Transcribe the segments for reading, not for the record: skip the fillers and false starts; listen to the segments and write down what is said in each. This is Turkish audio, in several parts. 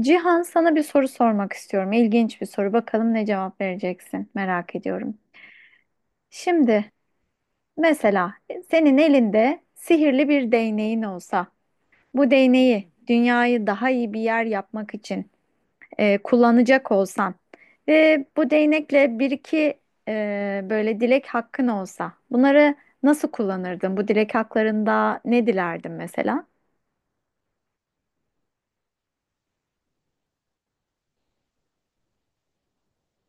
Cihan sana bir soru sormak istiyorum. İlginç bir soru. Bakalım ne cevap vereceksin. Merak ediyorum. Şimdi mesela senin elinde sihirli bir değneğin olsa, bu değneği dünyayı daha iyi bir yer yapmak için kullanacak olsan ve bu değnekle bir iki böyle dilek hakkın olsa, bunları nasıl kullanırdın? Bu dilek haklarında ne dilerdin mesela?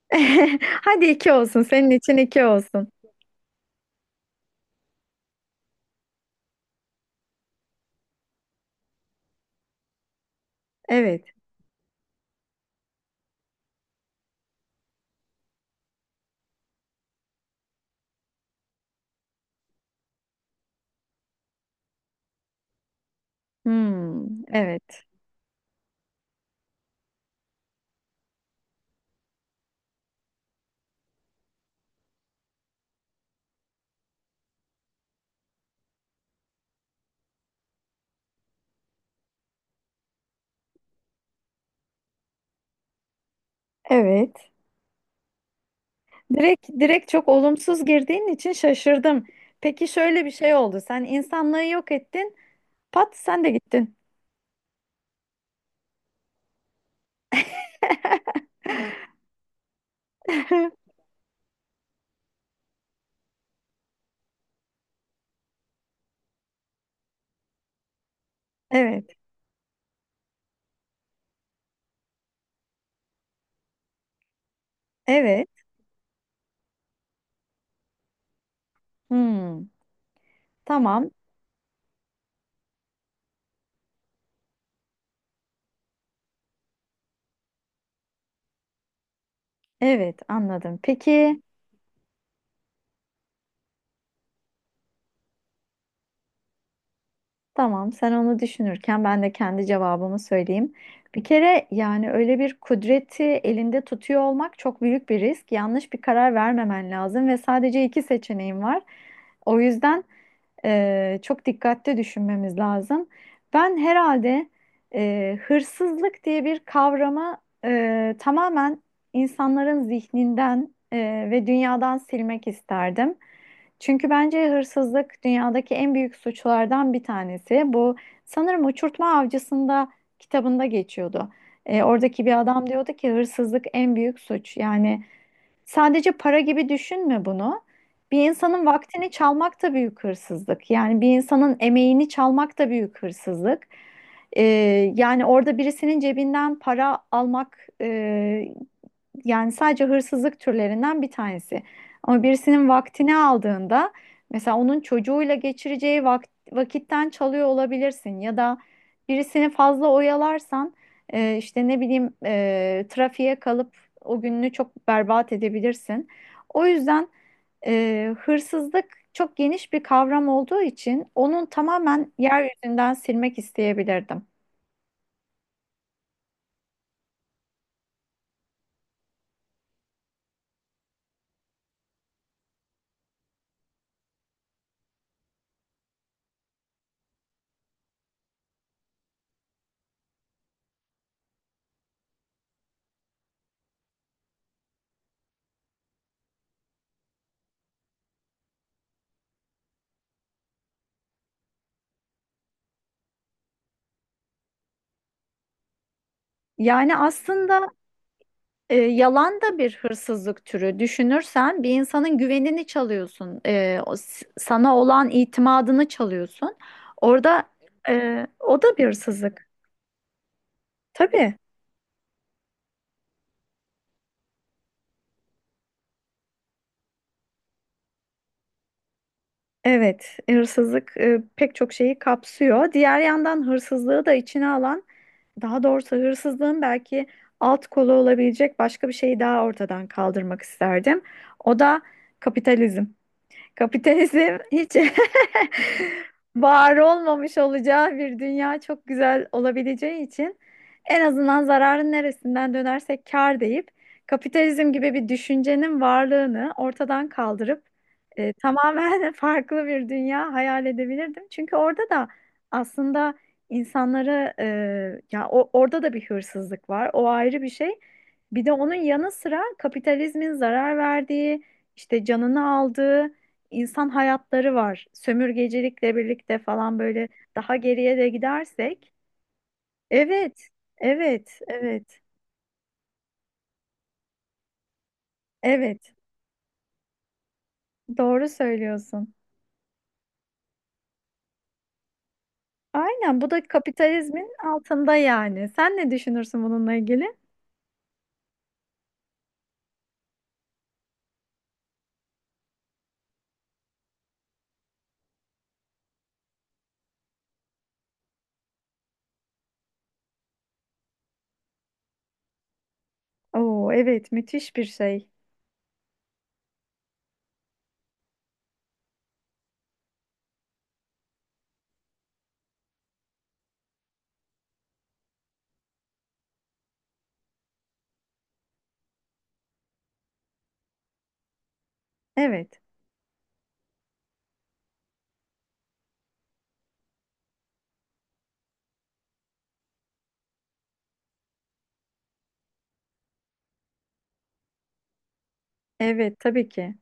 Hadi iki olsun. Senin için iki olsun. Evet. Hmm, evet. Evet. Direkt çok olumsuz girdiğin için şaşırdım. Peki şöyle bir şey oldu. Sen insanlığı yok ettin. Pat sen de gittin. Evet. Evet. Hmm, tamam. Evet, anladım. Peki tamam sen onu düşünürken ben de kendi cevabımı söyleyeyim. Bir kere yani öyle bir kudreti elinde tutuyor olmak çok büyük bir risk. Yanlış bir karar vermemen lazım ve sadece iki seçeneğin var. O yüzden çok dikkatli düşünmemiz lazım. Ben herhalde hırsızlık diye bir kavramı tamamen insanların zihninden ve dünyadan silmek isterdim. Çünkü bence hırsızlık dünyadaki en büyük suçlardan bir tanesi. Bu sanırım Uçurtma Avcısı'nda kitabında geçiyordu. Oradaki bir adam diyordu ki hırsızlık en büyük suç. Yani sadece para gibi düşünme bunu. Bir insanın vaktini çalmak da büyük hırsızlık. Yani bir insanın emeğini çalmak da büyük hırsızlık. Ee, yani orada birisinin cebinden para almak, yani sadece hırsızlık türlerinden bir tanesi. Ama birisinin vaktini aldığında mesela onun çocuğuyla geçireceği vakitten çalıyor olabilirsin ya da birisini fazla oyalarsan, işte ne bileyim, trafiğe kalıp o gününü çok berbat edebilirsin. O yüzden hırsızlık çok geniş bir kavram olduğu için onun tamamen yeryüzünden silmek isteyebilirdim. Yani aslında yalan da bir hırsızlık türü. Düşünürsen bir insanın güvenini çalıyorsun. E, sana olan itimadını çalıyorsun. Orada o da bir hırsızlık. Tabii. Evet, hırsızlık, pek çok şeyi kapsıyor. Diğer yandan hırsızlığı da içine alan, daha doğrusu hırsızlığın belki alt kolu olabilecek başka bir şeyi daha ortadan kaldırmak isterdim. O da kapitalizm. Kapitalizm hiç var olmamış olacağı bir dünya çok güzel olabileceği için en azından zararın neresinden dönersek kâr deyip kapitalizm gibi bir düşüncenin varlığını ortadan kaldırıp tamamen farklı bir dünya hayal edebilirdim. Çünkü orada da aslında insanları, orada da bir hırsızlık var. O ayrı bir şey. Bir de onun yanı sıra kapitalizmin zarar verdiği, işte canını aldığı insan hayatları var. Sömürgecilikle birlikte falan böyle daha geriye de gidersek. Evet, evet, evet, evet. Doğru söylüyorsun. Aynen bu da kapitalizmin altında yani. Sen ne düşünürsün bununla ilgili? Oo evet, müthiş bir şey. Evet, evet tabii ki.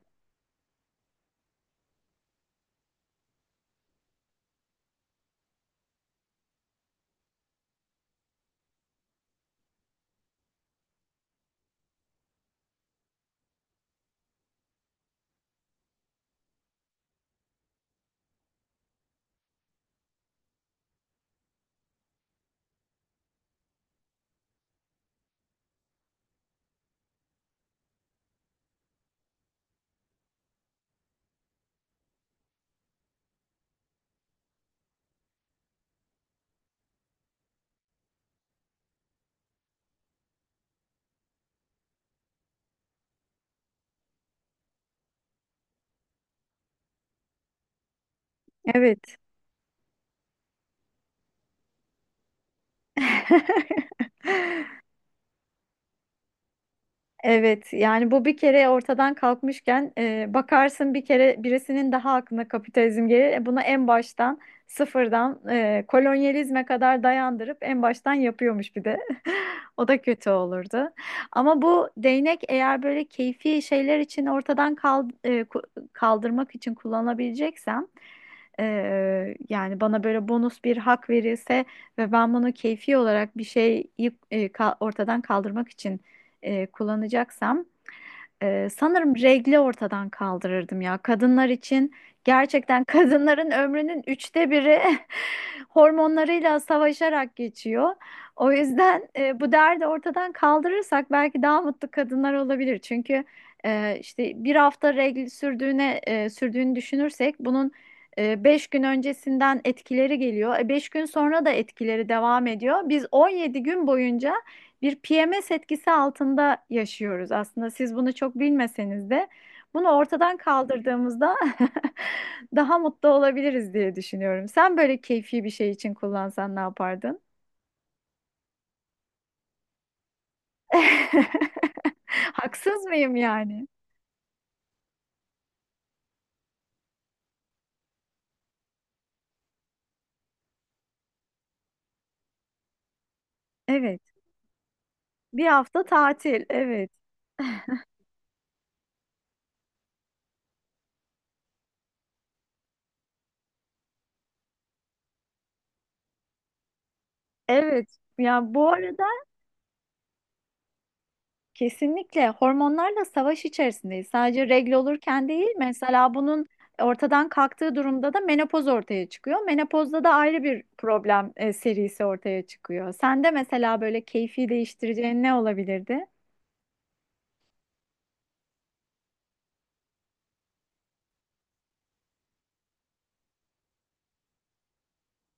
Evet. Evet yani bu bir kere ortadan kalkmışken bakarsın bir kere birisinin daha aklına kapitalizm gelir. E, bunu en baştan sıfırdan, kolonyalizme kadar dayandırıp en baştan yapıyormuş bir de. O da kötü olurdu. Ama bu değnek eğer böyle keyfi şeyler için ortadan kaldırmak için kullanabileceksem, e, yani bana böyle bonus bir hak verilse ve ben bunu keyfi olarak bir şeyi ortadan kaldırmak için kullanacaksam, sanırım regli ortadan kaldırırdım ya. Kadınlar için gerçekten kadınların ömrünün üçte biri hormonlarıyla savaşarak geçiyor. O yüzden bu derdi ortadan kaldırırsak belki daha mutlu kadınlar olabilir. Çünkü işte bir hafta regl sürdüğünü düşünürsek bunun, Beş gün öncesinden etkileri geliyor. E, beş gün sonra da etkileri devam ediyor. Biz 17 gün boyunca bir PMS etkisi altında yaşıyoruz aslında. Siz bunu çok bilmeseniz de bunu ortadan kaldırdığımızda daha mutlu olabiliriz diye düşünüyorum. Sen böyle keyfi bir şey için kullansan ne yapardın? Haksız mıyım yani? Evet. Bir hafta tatil. Evet. Evet. Ya bu arada kesinlikle hormonlarla savaş içerisindeyiz. Sadece regl olurken değil, mesela bunun ortadan kalktığı durumda da menopoz ortaya çıkıyor. Menopozda da ayrı bir problem serisi ortaya çıkıyor. Sende mesela böyle keyfi değiştireceğin ne olabilirdi?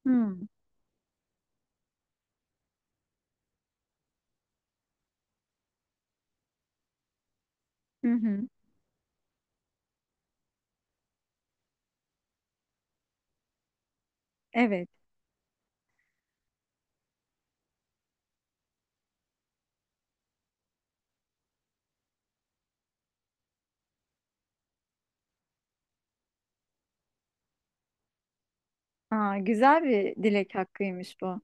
Hmm. Hı hı. Evet. Aa, güzel bir dilek hakkıymış bu.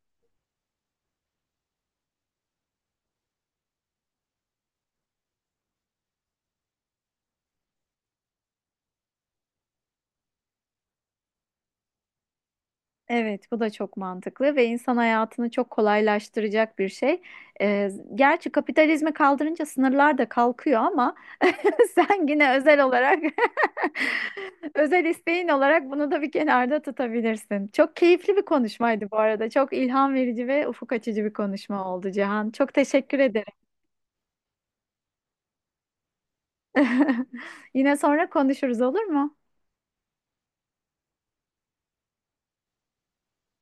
Evet, bu da çok mantıklı ve insan hayatını çok kolaylaştıracak bir şey. Ee, gerçi kapitalizmi kaldırınca sınırlar da kalkıyor ama sen yine özel olarak özel isteğin olarak bunu da bir kenarda tutabilirsin. Çok keyifli bir konuşmaydı bu arada. Çok ilham verici ve ufuk açıcı bir konuşma oldu Cihan. Çok teşekkür ederim. Yine sonra konuşuruz olur mu?